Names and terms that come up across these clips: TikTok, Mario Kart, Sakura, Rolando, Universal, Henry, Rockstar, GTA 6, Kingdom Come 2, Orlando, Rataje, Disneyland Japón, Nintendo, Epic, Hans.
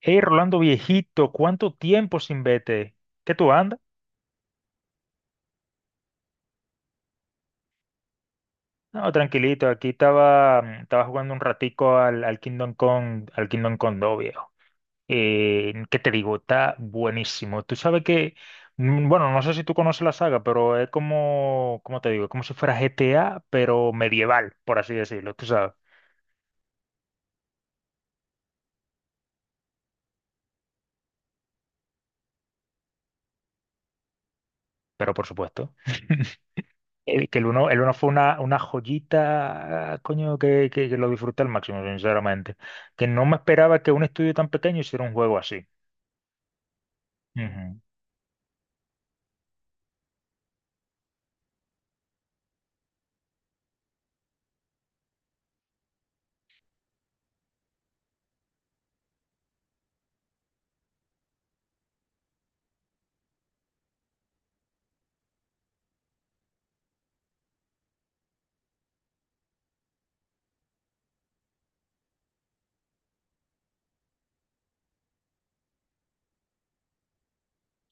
Hey, Rolando viejito, ¿cuánto tiempo sin vete? ¿Qué tú andas? No, tranquilito, aquí estaba, estaba jugando un ratico al Kingdom Come 2, viejo. ¿Qué te digo? Está buenísimo. Tú sabes que, bueno, no sé si tú conoces la saga, pero es como, ¿cómo te digo? Es como si fuera GTA, pero medieval, por así decirlo, tú sabes. Pero por supuesto. El uno fue una joyita, coño, que lo disfruté al máximo, sinceramente. Que no me esperaba que un estudio tan pequeño hiciera un juego así. Ujú.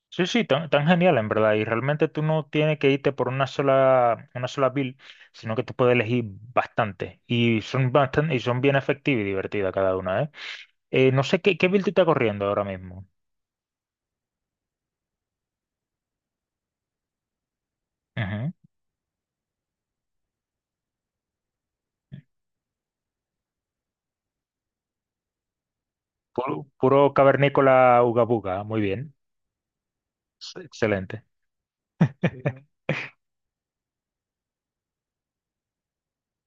Sí, sí, tan genial en verdad. Y realmente tú no tienes que irte por una sola build, sino que tú puedes elegir bastante. Y son bien efectivas y divertidas cada una, ¿eh? No sé qué, build tú estás corriendo ahora mismo. Ujú. Puro cavernícola ugabuga, muy bien. Excelente.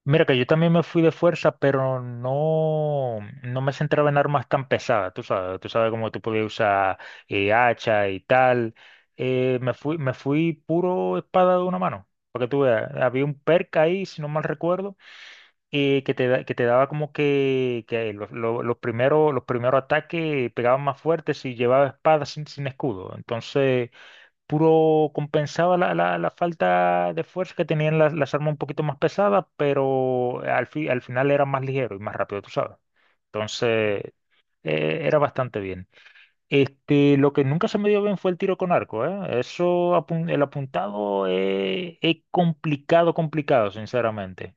Mira que yo también me fui de fuerza, pero no me centraba en armas tan pesadas, tú sabes cómo tú podías usar hacha y tal. Me fui puro espada de una mano, para que tú veas. Había un perk ahí, si no mal recuerdo, que te daba como que los primeros ataques pegaban más fuerte si llevaba espada sin escudo. Entonces puro compensaba la falta de fuerza que tenían las armas un poquito más pesadas, pero al final era más ligero y más rápido, tú sabes. Entonces, era bastante bien. Este, lo que nunca se me dio bien fue el tiro con arco, ¿eh? Eso, el apuntado es complicado, complicado, sinceramente.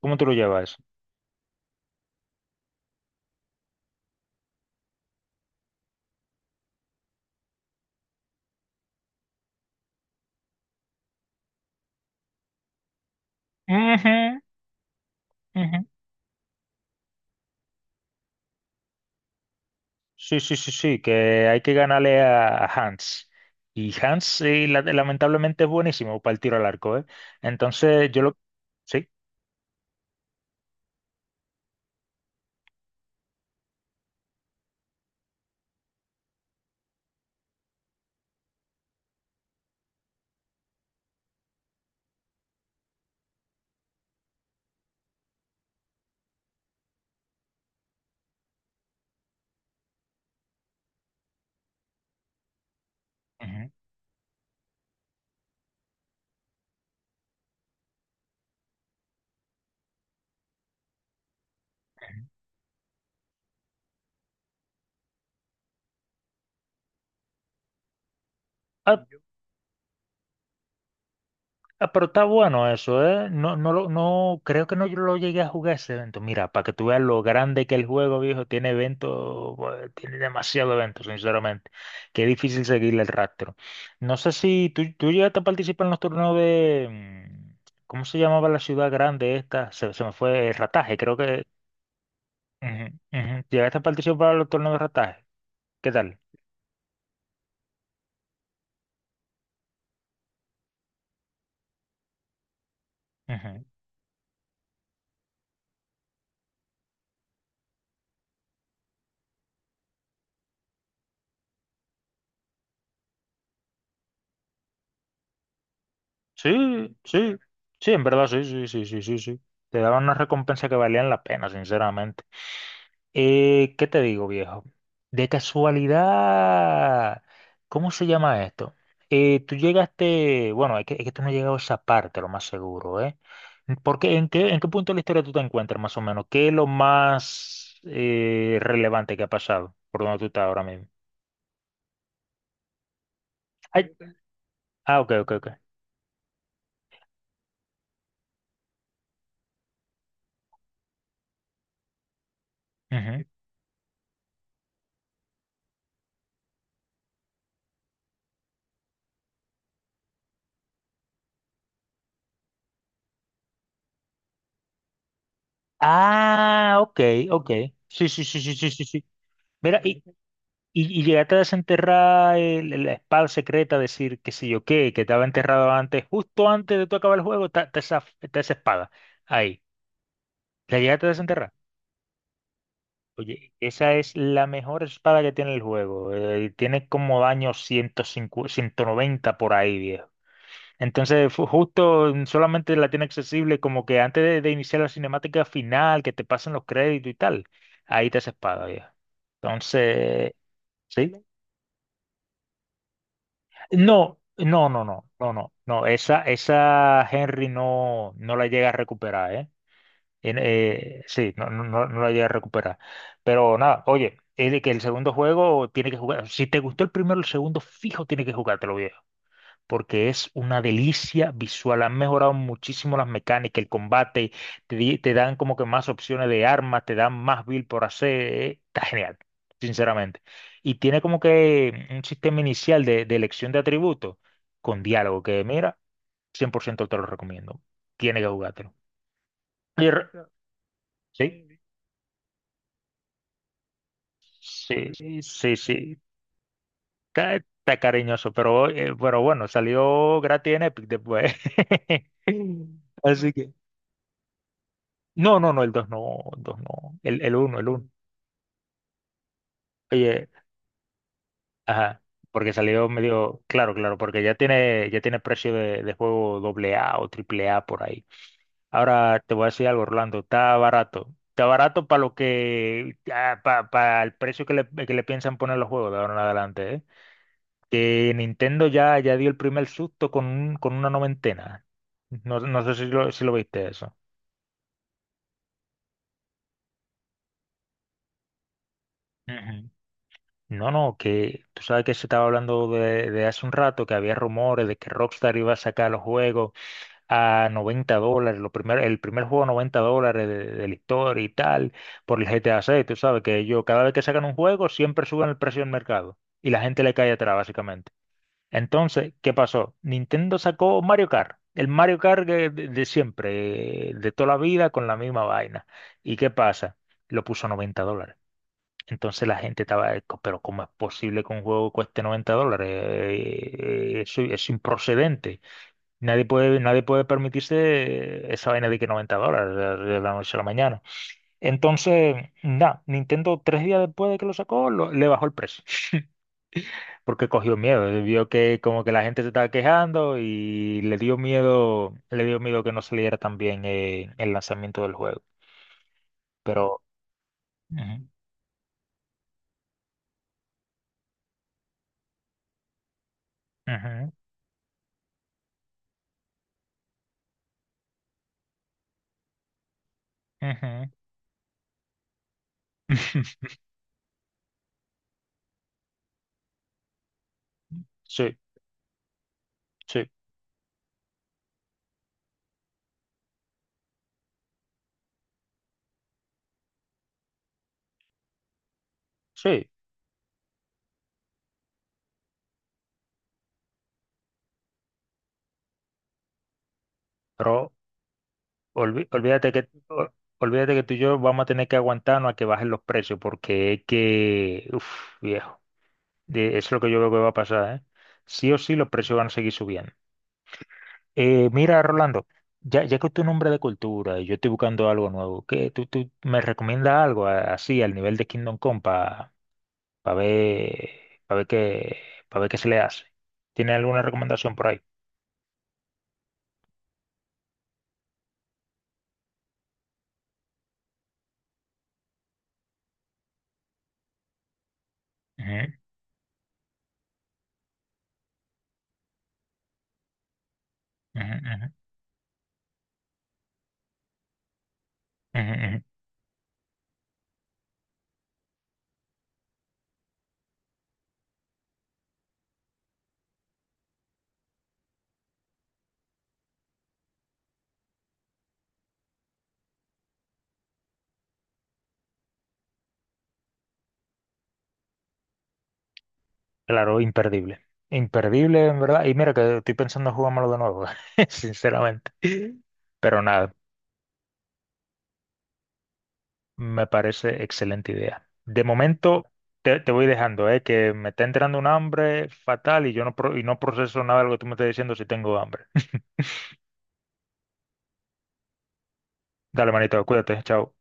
¿Cómo tú lo llevas? Ujú, ujú. Sí, sí, sí, sí, que hay que ganarle a Hans. Y Hans, sí, lamentablemente es buenísimo para el tiro al arco, ¿eh? Entonces, yo lo... Sí. Ujú. Ah, ah, pero está bueno eso, ¿eh? No, no, no, creo que no yo lo llegué a jugar ese evento. Mira, para que tú veas lo grande que el juego, viejo, tiene eventos, bueno, tiene demasiado eventos, sinceramente. Qué difícil seguirle el rastro. No sé si tú llegaste a participar en los torneos de, mm, ¿cómo se llamaba la ciudad grande esta? Se me fue, Rataje, creo que. Ujú, ujú. Llegaste a participar en los torneos de Rataje. ¿Qué tal? Ujú. Sí, sí, sí, en verdad, sí, sí, sí, sí, sí, sí. Te daban una recompensa que valían la pena, sinceramente. ¿Qué te digo, viejo? De casualidad, ¿cómo se llama esto? Tú llegaste, bueno, es que tú no has llegado a esa parte, lo más seguro, ¿eh? Porque, ¿en qué, punto de la historia tú te encuentras, más o menos? ¿Qué es lo más relevante que ha pasado por donde tú estás ahora mismo? Ay, ah, ok, ok, ok. Ujú. Ah, ok, ok. Sí, sí, sí, sí, sí, sí, sí. Mira, y llegaste a desenterrar la espada secreta, decir que sí yo qué, que estaba enterrado antes, justo antes de tú acabar el juego, está esa espada. Ahí, la llegaste a desenterrar. Oye, esa es la mejor espada que tiene el juego. Tiene como daño 150 190 por ahí, viejo. Entonces, justo solamente la tiene accesible como que antes de iniciar la cinemática final, que te pasen los créditos y tal. Ahí está esa espada, viejo. Entonces, sí, no, no, no, no, no, no, no, esa Henry no, no la llega a recuperar, ¿eh? Sí, no, no, no no la llega a recuperar. Pero nada, oye, es de que el segundo juego tiene que jugar, si te gustó el primero, el segundo fijo tiene que jugártelo porque es una delicia visual. Han mejorado muchísimo las mecánicas, el combate, te dan como que más opciones de armas, te dan más build por hacer. Está genial, sinceramente. Y tiene como que un sistema inicial de elección de atributos con diálogo, que mira, 100% te lo recomiendo. Tiene que jugártelo. Y re- Sí, sí, sí, sí, sí. Está, cariñoso, pero, bueno, salió gratis en Epic después. Así que... No, no, no, el 2 no, el 2 no, el uno, el uno. Oye, ajá, porque salió claro, claro, porque ya tiene precio de juego doble A o triple A por ahí. Ahora te voy a decir algo, Orlando, está barato. Está barato para el precio que le piensan poner los juegos de ahora en adelante, ¿eh? Que Nintendo ya dio el primer susto con una noventena. No, no sé si si lo viste eso. No, no, que tú sabes que se estaba hablando de hace un rato que había rumores de que Rockstar iba a sacar los juegos a $90, el primer juego a $90 de la historia y tal, por el GTA 6. Tú sabes que ellos cada vez que sacan un juego siempre suben el precio del mercado y la gente le cae atrás, básicamente. Entonces, ¿qué pasó? Nintendo sacó Mario Kart, el Mario Kart de siempre, de toda la vida, con la misma vaina. ¿Y qué pasa? Lo puso a $90. Entonces la gente estaba, pero ¿cómo es posible que un juego cueste $90? Eso es improcedente. Nadie puede permitirse esa vaina de que $90 de la noche a la mañana. Entonces, nada, Nintendo tres días después de que lo sacó, le bajó el precio, porque cogió miedo, vio que como que la gente se estaba quejando y le dio miedo, que no saliera tan bien el lanzamiento del juego. Pero... ujú, ujú, ujú. Sí, sí. Sí, pero olvi- olvídate que, o- olvídate que tú y yo vamos a tener que aguantarnos a que bajen los precios, porque es que, uff, viejo, es lo que yo veo que va a pasar, ¿eh? Sí o sí los precios van a seguir subiendo. Mira, Rolando, ya que tú eres un hombre de cultura y yo estoy buscando algo nuevo, tú me recomiendas algo así al nivel de Kingdom Come ver, pa ver qué, para ver qué se le hace? ¿Tiene alguna recomendación por ahí? Ujú, ujú, ujú, ujú, ujú. Claro, imperdible. Imperdible, en verdad. Y mira que estoy pensando en jugármelo de nuevo, sinceramente. Pero nada, me parece excelente idea. De momento te voy dejando, ¿eh? Que me está entrando un hambre fatal y yo no proceso nada de lo que tú me estás diciendo si tengo hambre. Dale, manito, cuídate, chao.